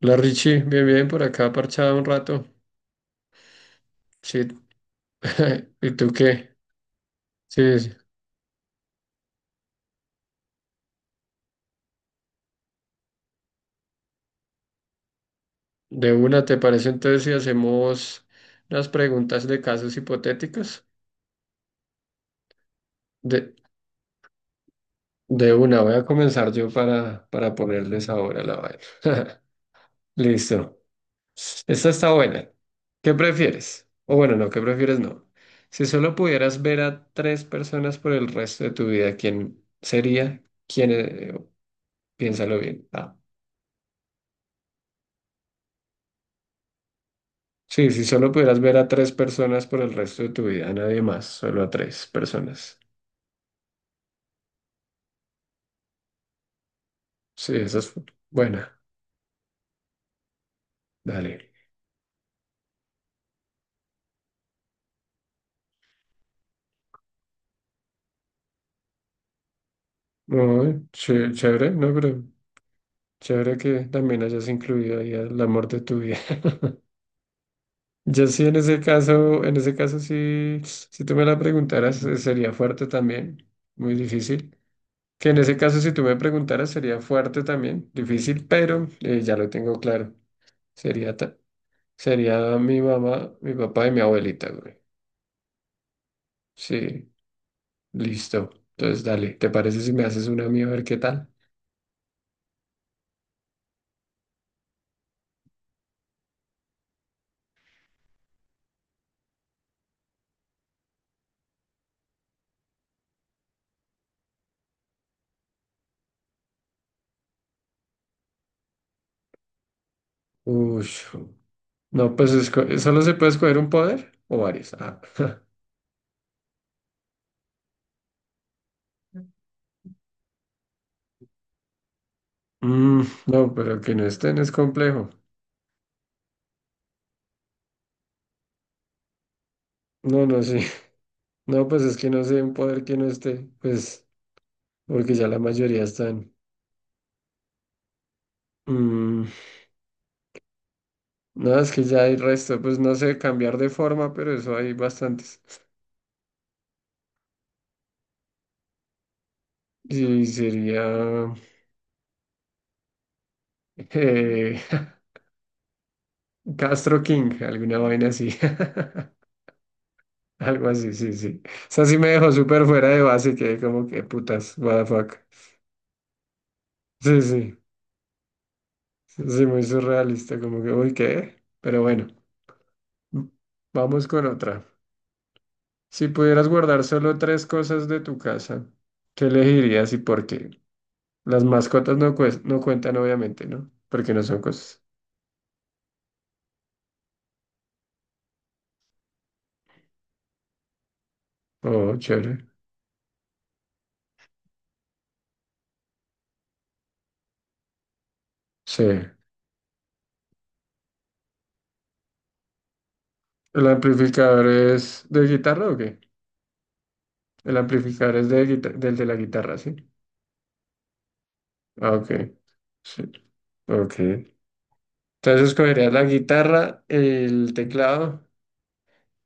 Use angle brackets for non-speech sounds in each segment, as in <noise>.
La Richie, bien, bien, por acá parchada un rato. Sí. <laughs> ¿Y tú qué? Sí, sí. De una. ¿Te parece entonces si hacemos unas preguntas de casos hipotéticos? De, de una, voy a comenzar yo para ponerles ahora la vaina. <laughs> Listo. Esta está buena. ¿Qué prefieres? O bueno, no, ¿qué prefieres? No. Si solo pudieras ver a tres personas por el resto de tu vida, ¿quién sería? ¿Quién? Piénsalo bien. Ah. Sí, si solo pudieras ver a tres personas por el resto de tu vida, a nadie más, solo a tres personas. Sí, esa es buena. Dale. Muy chévere, no, pero chévere que también hayas incluido ahí el amor de tu vida. <laughs> Yo sí, en ese caso sí, si tú me la preguntaras, sería fuerte también, muy difícil. Que en ese caso, si tú me preguntaras, sería fuerte también, difícil, pero ya lo tengo claro. Sería, ta- Sería mi mamá, mi papá y mi abuelita, güey. Sí, listo. Entonces, dale, ¿te parece si me haces una a mí a ver qué tal? Uy, no, pues solo se puede escoger un poder o varios. Ah. <laughs> Mm, no, pero que no estén es complejo. No, no, sí. <laughs> No, pues es que no sé un poder que no esté, pues porque ya la mayoría están. Mm, No, es que ya hay resto, pues no sé, cambiar de forma, pero eso hay bastantes. Y sería eh, <laughs> Castro King, alguna vaina así. <laughs> Algo así, sí, sí. O sea, sí me dejó súper fuera de base, que como que putas, what the fuck. Sí, sí, sí, muy surrealista, como que, uy, ¿qué? Pero bueno, m- vamos con otra. Si pudieras guardar solo tres cosas de tu casa, ¿qué elegirías y por qué? Las mascotas no, no cuentan, obviamente, ¿no? Porque no son cosas. Oh, chévere. Sí. ¿El amplificador es de guitarra o qué? El amplificador es de del de la guitarra, ¿sí? Ah, ok. Sí. Ok. Entonces escogerías la guitarra, el teclado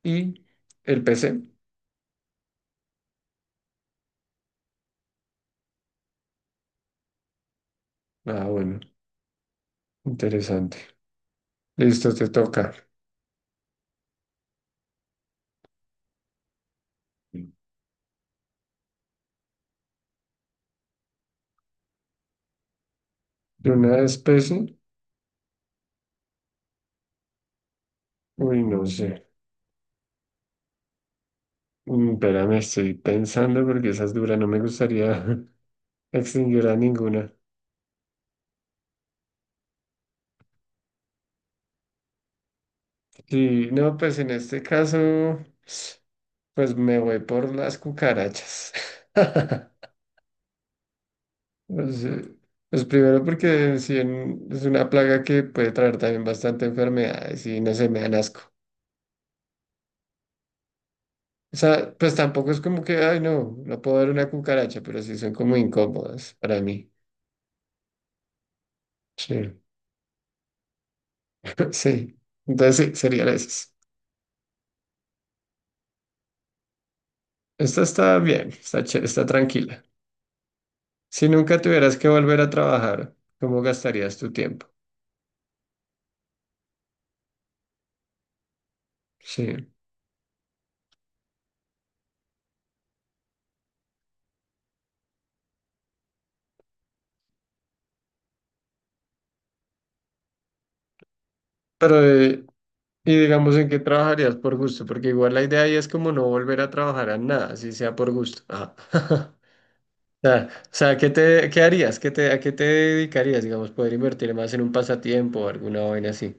y el PC. Ah, bueno. Interesante. Listo, te toca. ¿De una especie? Uy, no sé. Espérame, estoy pensando porque esas duras no me gustaría <laughs> extinguir a ninguna. Sí, no, pues en este caso. Pues me voy por las cucarachas. <laughs> Pues, pues primero porque si en- es una plaga que puede traer también bastante enfermedades y no se me dan asco. O sea, pues tampoco es como que, ay, no, no puedo ver una cucaracha, pero sí son como incómodas para mí. Sí. <laughs> Sí. Entonces sí, sería la esas. Esta está bien, está chévere, está tranquila. Si nunca tuvieras que volver a trabajar, ¿cómo gastarías tu tiempo? Sí. Pero, y digamos, ¿en qué trabajarías por gusto? Porque igual la idea ahí es como no volver a trabajar a nada, si sea por gusto. Ajá. <laughs> O sea, ¿qué te, qué harías? ¿Qué te, a qué te dedicarías? Digamos, poder invertir más en un pasatiempo o alguna vaina así.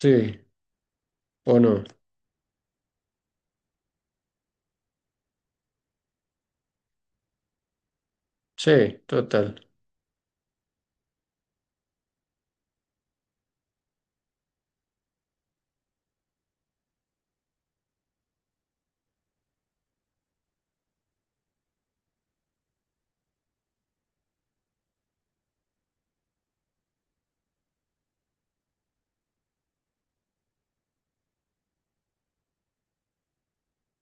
Sí, o no. Sí, total.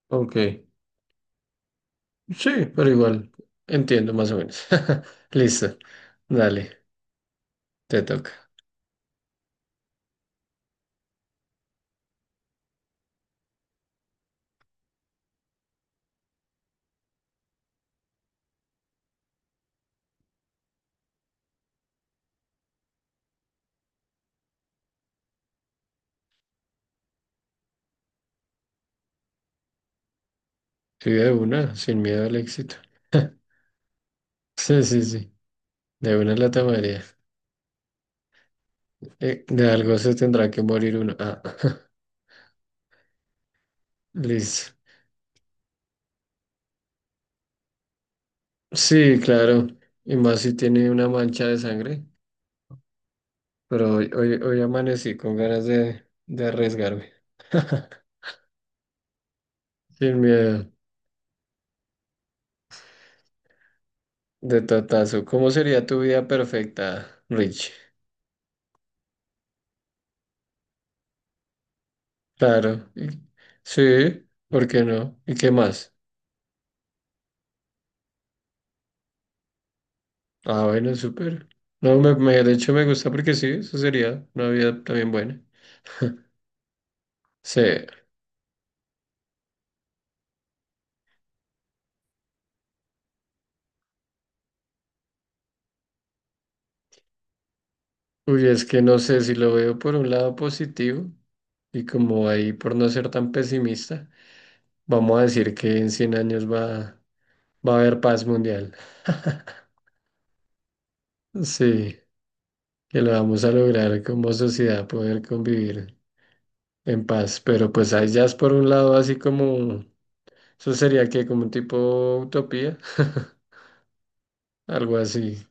Ok. Sí, pero igual entiendo más o menos. <laughs> Listo. Dale, te toca. Sí, de una, sin miedo al éxito. <laughs> Sí, sí, sí. De una la tomaría. De algo se tendrá que morir uno. Ah. <laughs> Listo. Sí, claro. Y más si tiene una mancha de sangre. Pero hoy amanecí con ganas de arriesgarme. <laughs> Sin miedo. De totazo. ¿Cómo sería tu vida perfecta, Rich? Claro. Sí, ¿por qué no? ¿Y qué más? Ah, bueno, súper. No, de hecho me gusta porque sí, eso sería una vida también buena. Sí. Uy, es que no sé si lo veo por un lado positivo y como ahí por no ser tan pesimista. Vamos a decir que en 100 años va a haber paz mundial. <laughs> Sí, que lo vamos a lograr como sociedad poder convivir en paz. Pero pues ahí ya es por un lado así como, eso sería que como un tipo utopía, <laughs> algo así.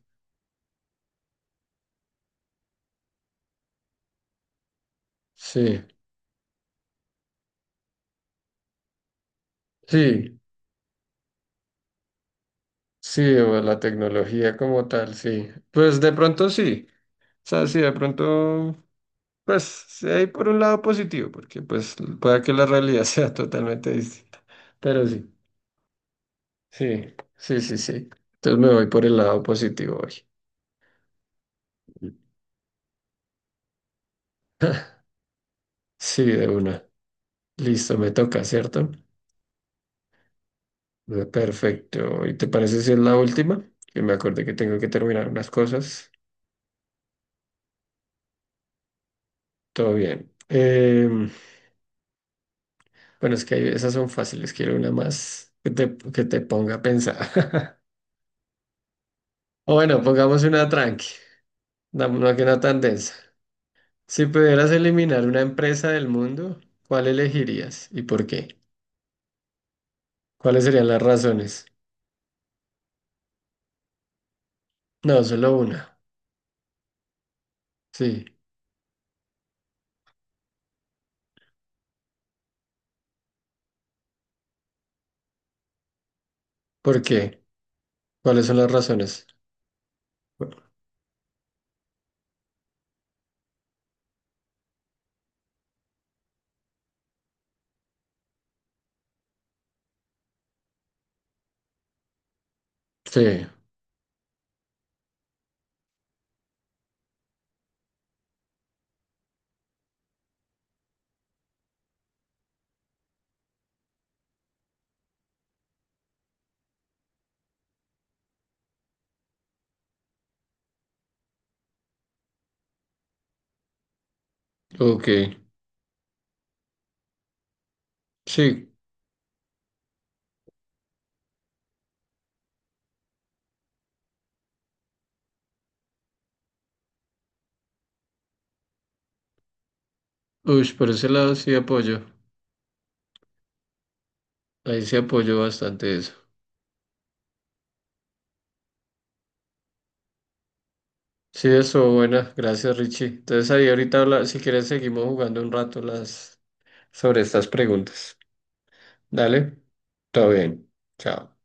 Sí, sí, sí, o la tecnología como tal, sí. Pues de pronto sí. O sea, sí, de pronto, pues sí hay por un lado positivo, porque pues pueda que la realidad <laughs> sea totalmente distinta. Pero sí. Sí, sí, sí, sí. Entonces me voy por el lado positivo hoy. Sí, de una. Listo, me toca, ¿cierto? Perfecto. ¿Y te parece si es la última? Que me acordé que tengo que terminar unas cosas. Todo bien. Bueno, es que esas son fáciles. Quiero una más que te ponga a pensar. <laughs> O bueno, pongamos una tranqui. Una que no tan densa. Si pudieras eliminar una empresa del mundo, ¿cuál elegirías y por qué? ¿Cuáles serían las razones? No, solo una. Sí. ¿Por qué? ¿Cuáles son las razones? Sí, ok. Sí, uy, por ese lado sí apoyo. Ahí sí apoyo bastante eso. Sí, eso, buena. Gracias, Richie. Entonces ahí ahorita habla, si quieres seguimos jugando un rato las sobre estas preguntas. Dale, todo bien. Chao.